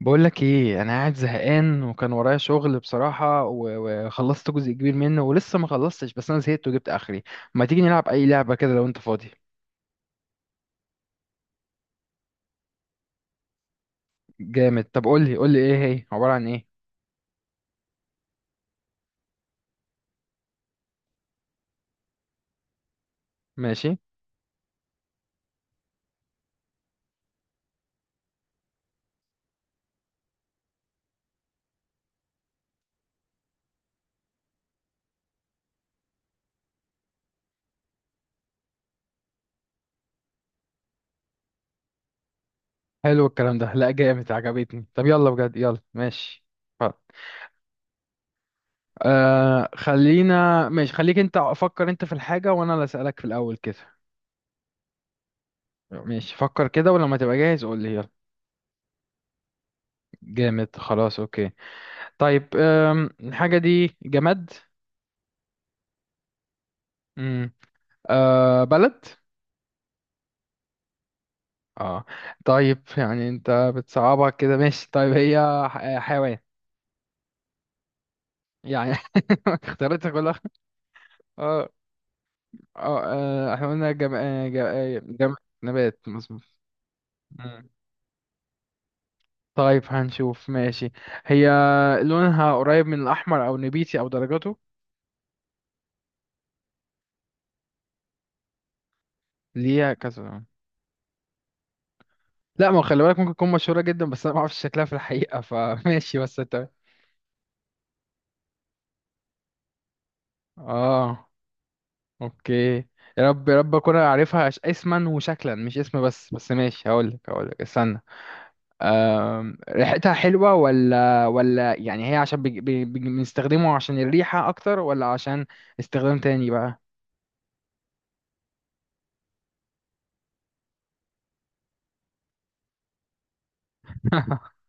بقولك ايه، انا قاعد زهقان وكان ورايا شغل بصراحة وخلصت جزء كبير منه ولسه ما خلصتش، بس انا زهقت وجبت اخري. ما تيجي نلعب اي لعبة كده لو انت فاضي؟ جامد. طب قولي قولي، ايه هي؟ عبارة عن ايه؟ ماشي. حلو الكلام ده، لا جامد، عجبتني. طب يلا بجد، يلا ماشي خلاص. آه خلينا ماشي، خليك انت فكر انت في الحاجة وانا اللي اسألك في الاول كده. ماشي، فكر كده ولما تبقى جاهز قول لي يلا. جامد خلاص، اوكي. طيب، الحاجة دي جماد؟ بلد؟ اه. طيب يعني انت بتصعبها كده، ماشي، طيب هي حيوان؟ يعني. اختياراتها كلها. اه اه. احنا قلنا جم... نبات، مظبوط. مم. طيب هنشوف، ماشي. هي لونها قريب من الاحمر او نبيتي او درجاته؟ ليها كذا لون. لا، ما هو خلي بالك ممكن تكون مشهورة جدا بس انا ما اعرفش شكلها في الحقيقة فماشي، بس انت اه، اوكي. يا رب يا رب اكون عارفها، اسما وشكلا مش اسم بس، بس ماشي هقولك استنى. ريحتها حلوة ولا يعني، هي عشان بنستخدمه عشان الريحة اكتر ولا عشان استخدام تاني بقى؟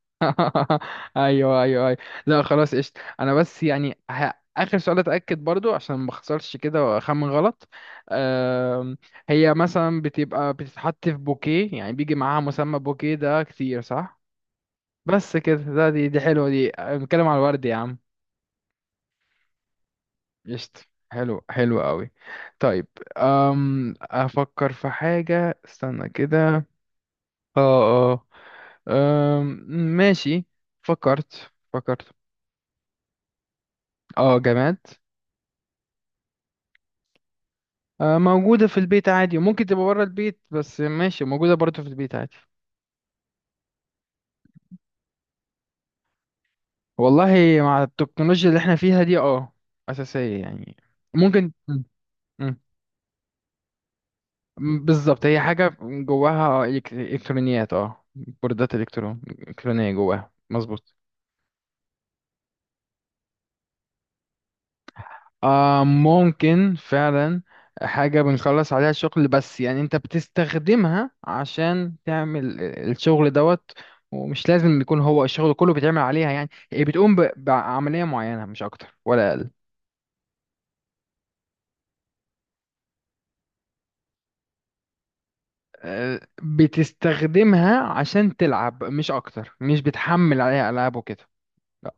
ايوه ايوه ايوه. لا خلاص قشطة، انا بس يعني اخر سؤال اتاكد برضو عشان ما اخسرش كده واخمن غلط. أم... هي مثلا بتبقى بتتحط في بوكيه، يعني بيجي معاها مسمى بوكيه ده كتير، صح؟ بس كده، ده دي دي حلوة، دي بنتكلم على الورد يا عم. قشطة. حلو حلو قوي. طيب، أفكر في حاجة، استنى كده. اه اه. أم، ماشي، فكرت فكرت. اه، جماد. موجودة في البيت عادي، وممكن تبقى بره البيت بس ماشي موجودة برضه في البيت عادي. والله، مع التكنولوجيا اللي احنا فيها دي اه، أساسية يعني، ممكن. مم. بالظبط، هي حاجة جواها إلكترونيات، اه، بوردات إلكترونية جواها، مظبوط. آه، ممكن فعلا. حاجة بنخلص عليها الشغل، بس يعني انت بتستخدمها عشان تعمل الشغل دوت. ومش لازم يكون هو الشغل كله بيتعمل عليها، يعني هي بتقوم بعملية معينة مش أكتر ولا أقل. بتستخدمها عشان تلعب مش أكتر، مش بتحمل عليها ألعاب وكده. لا.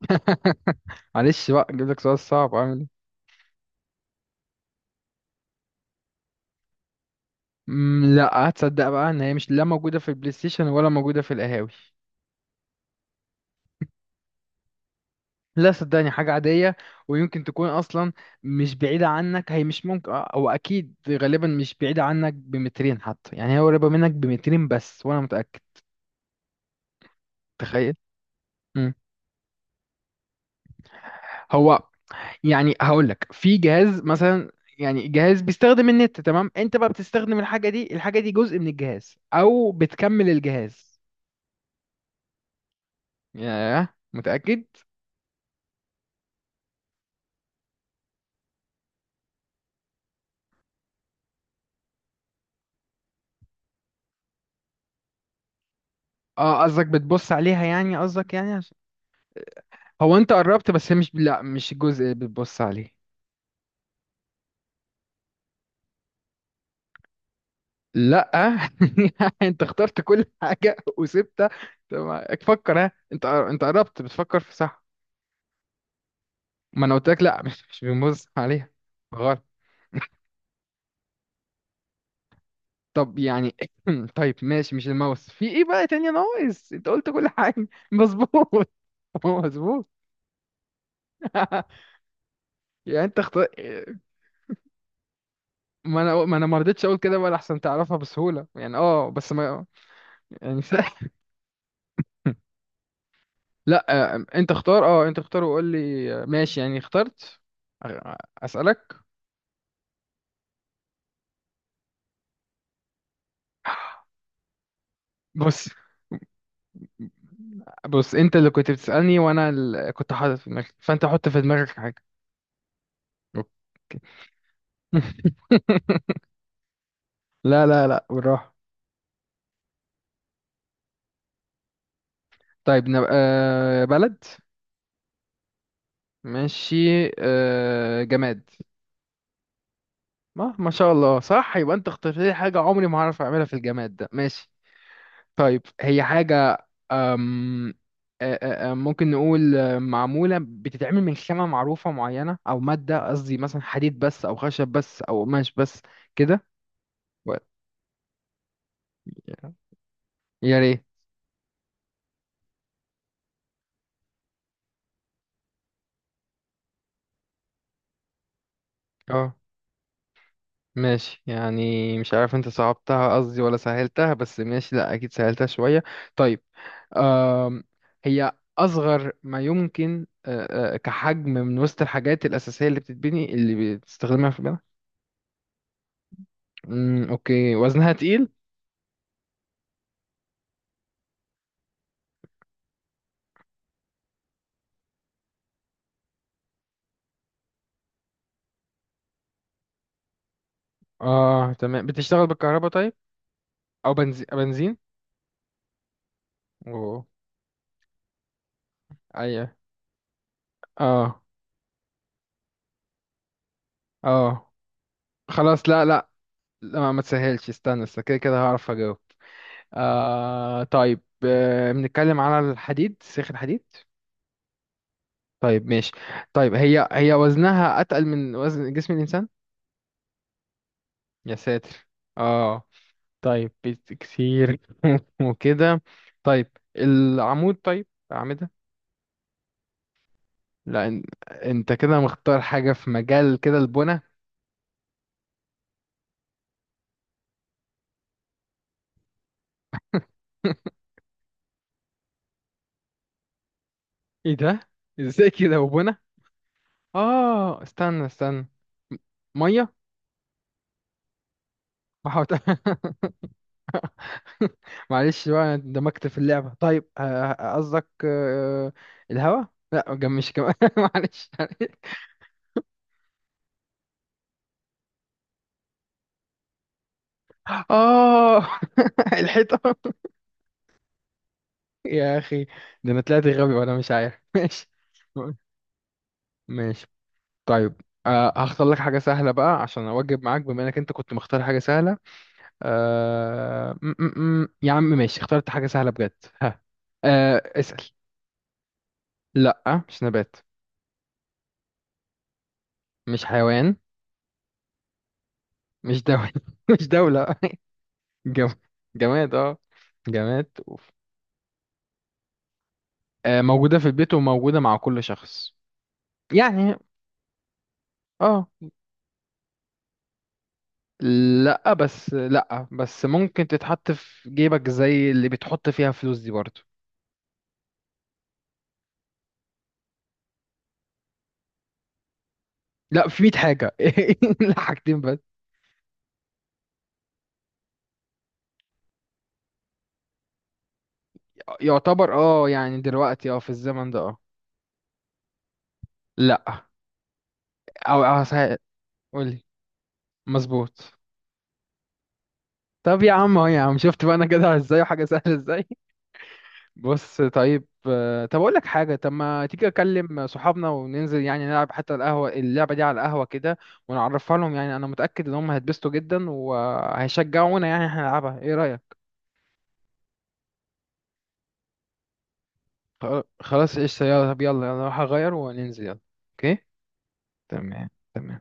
معلش بقى، جيب لك سؤال صعب. مم، لا. هتصدق بقى ان هي مش لا موجوده في البلاي ستيشن ولا موجوده في القهاوي. لا صدقني، حاجه عاديه، ويمكن تكون اصلا مش بعيده عنك، هي مش ممكن او اكيد غالبا مش بعيده عنك بمترين حتى، يعني هي قريبه منك بمترين بس وانا متاكد. تخيل. مم. هو يعني هقول لك في جهاز مثلا، يعني جهاز بيستخدم النت، تمام، انت بقى بتستخدم الحاجه دي، الحاجه دي جزء من الجهاز او بتكمل الجهاز. ياه، متاكد؟ اه قصدك بتبص عليها يعني، قصدك يعني. هو انت قربت بس مش، لا مش الجزء اللي بتبص عليه. لا. انت اخترت كل حاجه وسبتها. طب فكر، ها انت انت قربت بتفكر في، صح. ما انا قلت لك لا، مش بنبص عليها. غلط. طب يعني، طيب ماشي، مش الماوس، في ايه بقى تاني ناقص؟ انت قلت كل حاجه مظبوط، هو مظبوط. يعني انت اختار. ما انا ما رضيتش اقول كده بقى لحسن تعرفها بسهوله، يعني اه، بس ما... يعني. لا، انت اختار، اه انت اختار وقول لي، ماشي يعني اخترت. أ- اسالك. بص بص، انت اللي كنت بتسالني وانا اللي كنت حاطط في دماغي، فانت حط في دماغك حاجه. اوكي. لا لا لا، بالراحه. طيب نبقى بلد؟ ماشي. جماد؟ ما شاء الله، صح، يبقى انت اخترت لي حاجه عمري ما هعرف اعملها في الجماد ده، ماشي. طيب هي حاجة، أم آه، آه، آه، ممكن نقول معمولة بتتعمل من خامة معروفة معينة أو مادة قصدي، مثلا حديد بس أو خشب بس أو قماش بس كده. و- يا ريت. اه ماشي يعني، مش عارف انت صعبتها قصدي ولا سهلتها بس ماشي، لا أكيد سهلتها شوية. طيب. أم هي أصغر ما يمكن كحجم، من وسط الحاجات الأساسية اللي بتتبني، اللي بتستخدمها في البناء؟ أوكي، وزنها تقيل؟ اه تمام. بتشتغل بالكهرباء، طيب؟ او بنزين و، ايوه اه اه. خلاص لا لا لا، ما تسهلش، استنى استنى كده كده هعرف اجاوب. آه طيب، بنتكلم على الحديد سيخ الحديد؟ طيب ماشي. طيب هي وزنها اتقل من وزن جسم الانسان؟ يا ساتر. اه. طيب كتير. وكده. طيب، العمود، طيب اعمده؟ لا. انت كده مختار حاجة في مجال كده البنى. ايه ده؟ ازاي كده وبنا، اه استنى استنى، ميه وحوت. معلش بقى، أنا اندمجت في اللعبه. طيب قصدك الهوا؟ لا، مش كمان. معلش. اه. الحيطه. يا اخي، ده انا طلعت غبي وانا مش عارف. ماشي ماشي. طيب، هختار لك حاجه سهله بقى عشان اواجب معاك بما انك انت كنت مختار حاجه سهله. آه... م -م -م. يا عم ماشي، اخترت حاجة سهلة بجد. ها. اسأل. لا مش نبات. مش حيوان. مش دولة. مش دولة. جم... جماد، اه. جماد، أوف. آه، موجودة في البيت وموجودة مع كل شخص، يعني اه. لا بس، لا بس ممكن تتحط في جيبك زي اللي بتحط فيها فلوس دي برضه. لا، في 100 حاجة. لا حاجتين بس. يعتبر اه، يعني دلوقتي اه، في الزمن ده اه. لا، او أو هسه-. قولي. مظبوط. طب يا عم اهو، يا عم شفت بقى انا جدع ازاي، وحاجه سهله ازاي. بص طيب، طب اقول لك حاجه، طب ما تيجي اكلم صحابنا وننزل يعني نلعب حتى القهوه، اللعبه دي على القهوه كده. ونعرفها لهم، يعني انا متاكد ان هم هيتبسطوا جدا وهيشجعونا يعني احنا نلعبها، ايه رايك؟ خلاص ايش يلا، طب يلا يلا هغير وننزل يلا. اوكي، تمام تمام.